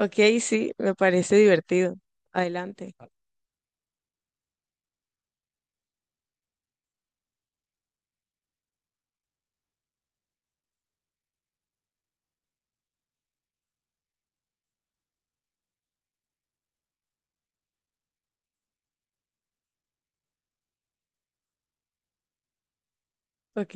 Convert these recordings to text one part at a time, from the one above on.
Ok, sí, me parece divertido. Adelante. Ok,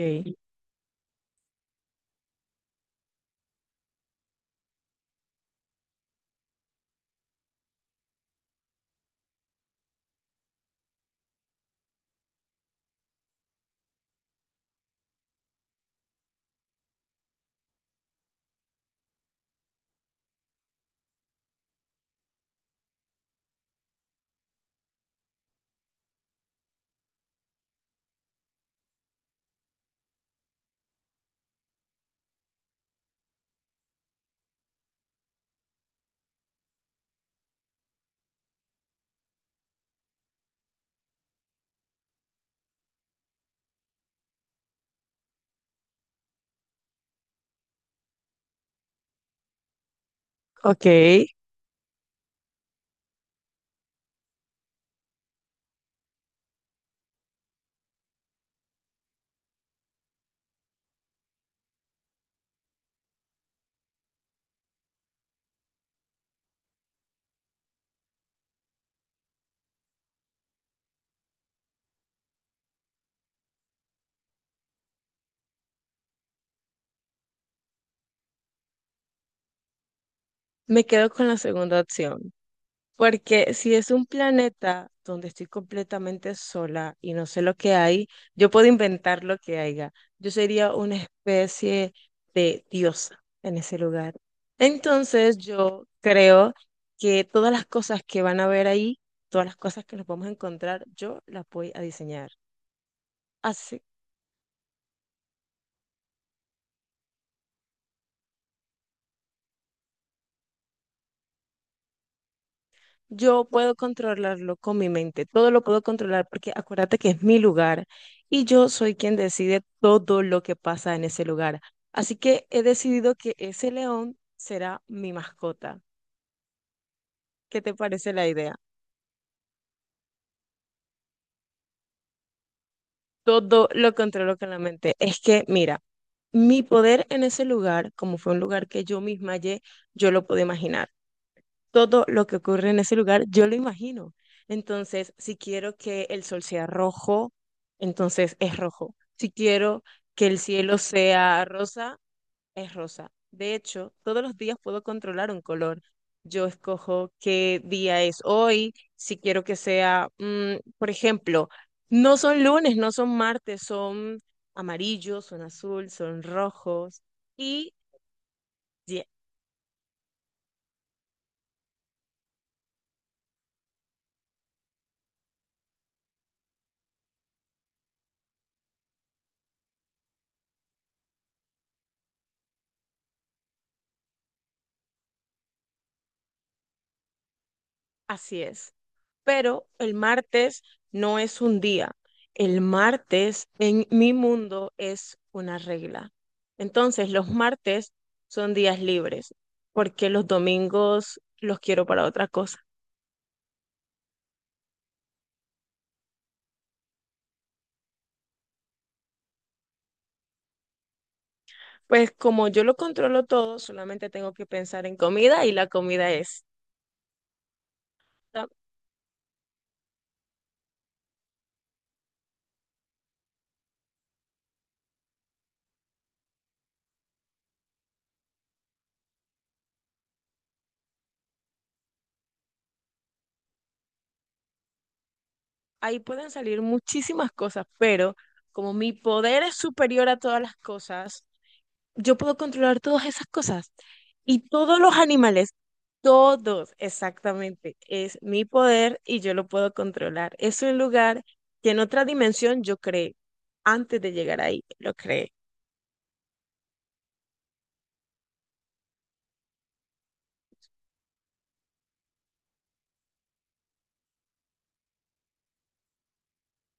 ok. Me quedo con la segunda opción, porque si es un planeta donde estoy completamente sola y no sé lo que hay, yo puedo inventar lo que haya. Yo sería una especie de diosa en ese lugar. Entonces yo creo que todas las cosas que van a ver ahí, todas las cosas que nos vamos a encontrar, yo las voy a diseñar. Así Yo puedo controlarlo con mi mente, todo lo puedo controlar porque acuérdate que es mi lugar y yo soy quien decide todo lo que pasa en ese lugar. Así que he decidido que ese león será mi mascota. ¿Qué te parece la idea? Todo lo controlo con la mente. Es que, mira, mi poder en ese lugar, como fue un lugar que yo misma hallé, yo lo pude imaginar. Todo lo que ocurre en ese lugar, yo lo imagino. Entonces, si quiero que el sol sea rojo, entonces es rojo. Si quiero que el cielo sea rosa, es rosa. De hecho, todos los días puedo controlar un color. Yo escojo qué día es hoy, si quiero que sea, por ejemplo, no son lunes, no son martes, son amarillos, son azul, son rojos. Y ye- así es. Pero el martes no es un día. El martes en mi mundo es una regla. Entonces, los martes son días libres, porque los domingos los quiero para otra cosa. Pues como yo lo controlo todo, solamente tengo que pensar en comida y la comida es. Ta- Ahí pueden salir muchísimas cosas, pero como mi poder es superior a todas las cosas, yo puedo controlar todas esas cosas. Y todos los animales. Todos, exactamente. Es mi poder y yo lo puedo controlar. Es un lugar que en otra dimensión yo creé. Antes de llegar ahí, lo creé.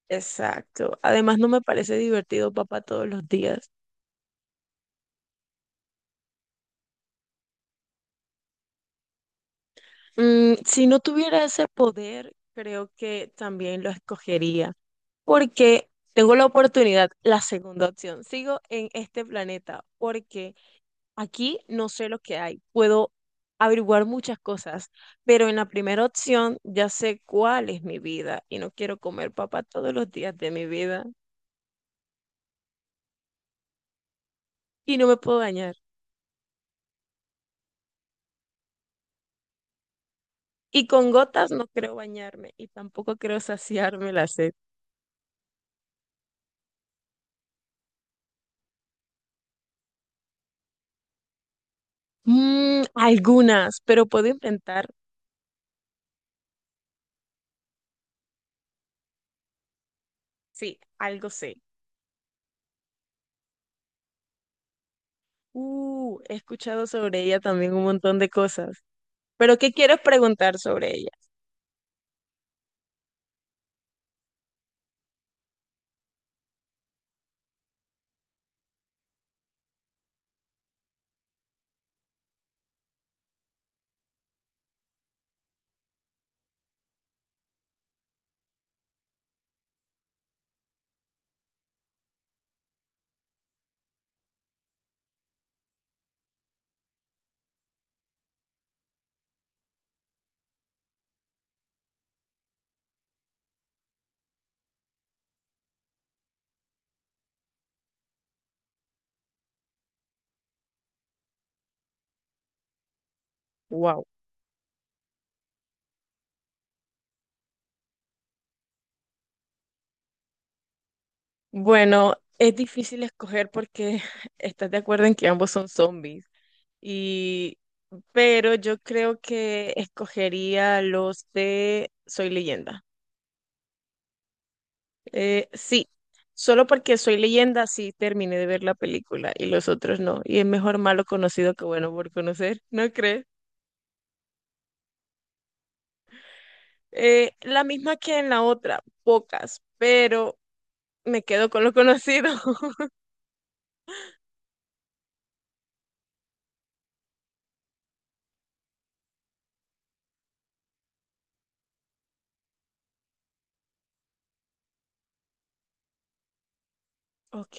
Exacto. Además, no me parece divertido, papá, todos los días. Si no tuviera ese poder, creo que también lo escogería, porque tengo la oportunidad, la segunda opción. Sigo en este planeta, porque aquí no sé lo que hay, puedo averiguar muchas cosas, pero en la primera opción ya sé cuál es mi vida y no quiero comer papa todos los días de mi vida y no me puedo bañar. Y con gotas no creo bañarme y tampoco creo saciarme la sed. Algunas, pero puedo inventar, sí, algo sé. He escuchado sobre ella también un montón de cosas, pero ¿qué quieres preguntar sobre ella? Wow. Bueno, es difícil escoger porque estás de acuerdo en que ambos son zombies. Y, pero yo creo que escogería los de Soy Leyenda. Sí, solo porque Soy Leyenda sí terminé de ver la película y los otros no. Y es mejor malo conocido que bueno por conocer, ¿no crees? La misma que en la otra, pocas, pero me quedo con lo conocido. Ok.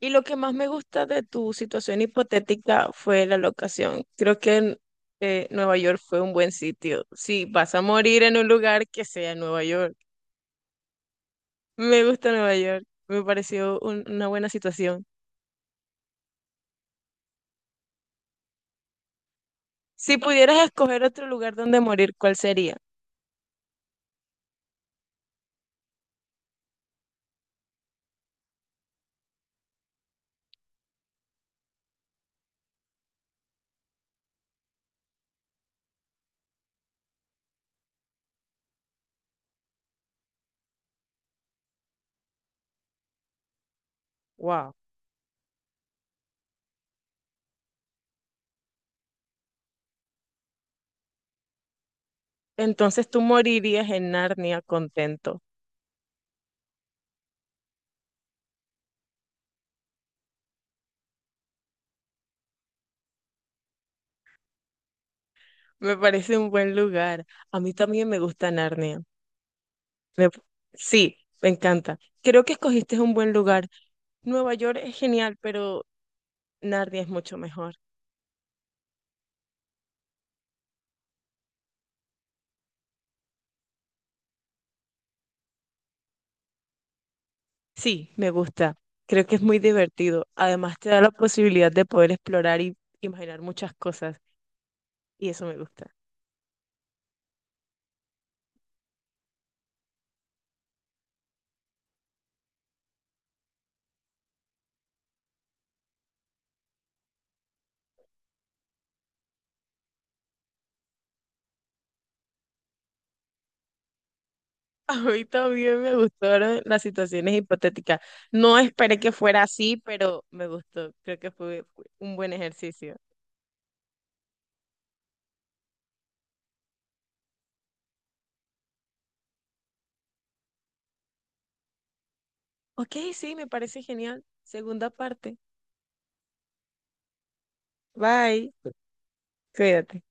Y lo que más me gusta de tu situación hipotética fue la locación. Creo que Nueva York fue un buen sitio. Si vas a morir en un lugar, que sea en Nueva York. Me gusta Nueva York. Me pareció una buena situación. Si pudieras escoger otro lugar donde morir, ¿cuál sería? Wow. Entonces tú morirías en Narnia contento. Me parece un buen lugar. A mí también me gusta Narnia. Me- sí, me encanta. Creo que escogiste un buen lugar. Nueva York es genial, pero Narnia es mucho mejor. Sí, me gusta. Creo que es muy divertido. Además, te da la posibilidad de poder explorar y imaginar muchas cosas. Y eso me gusta. A mí también me gustaron las situaciones hipotéticas. No esperé que fuera así, pero me gustó. Creo que fue un buen ejercicio. Ok, sí, me parece genial. Segunda parte. Bye. Cuídate.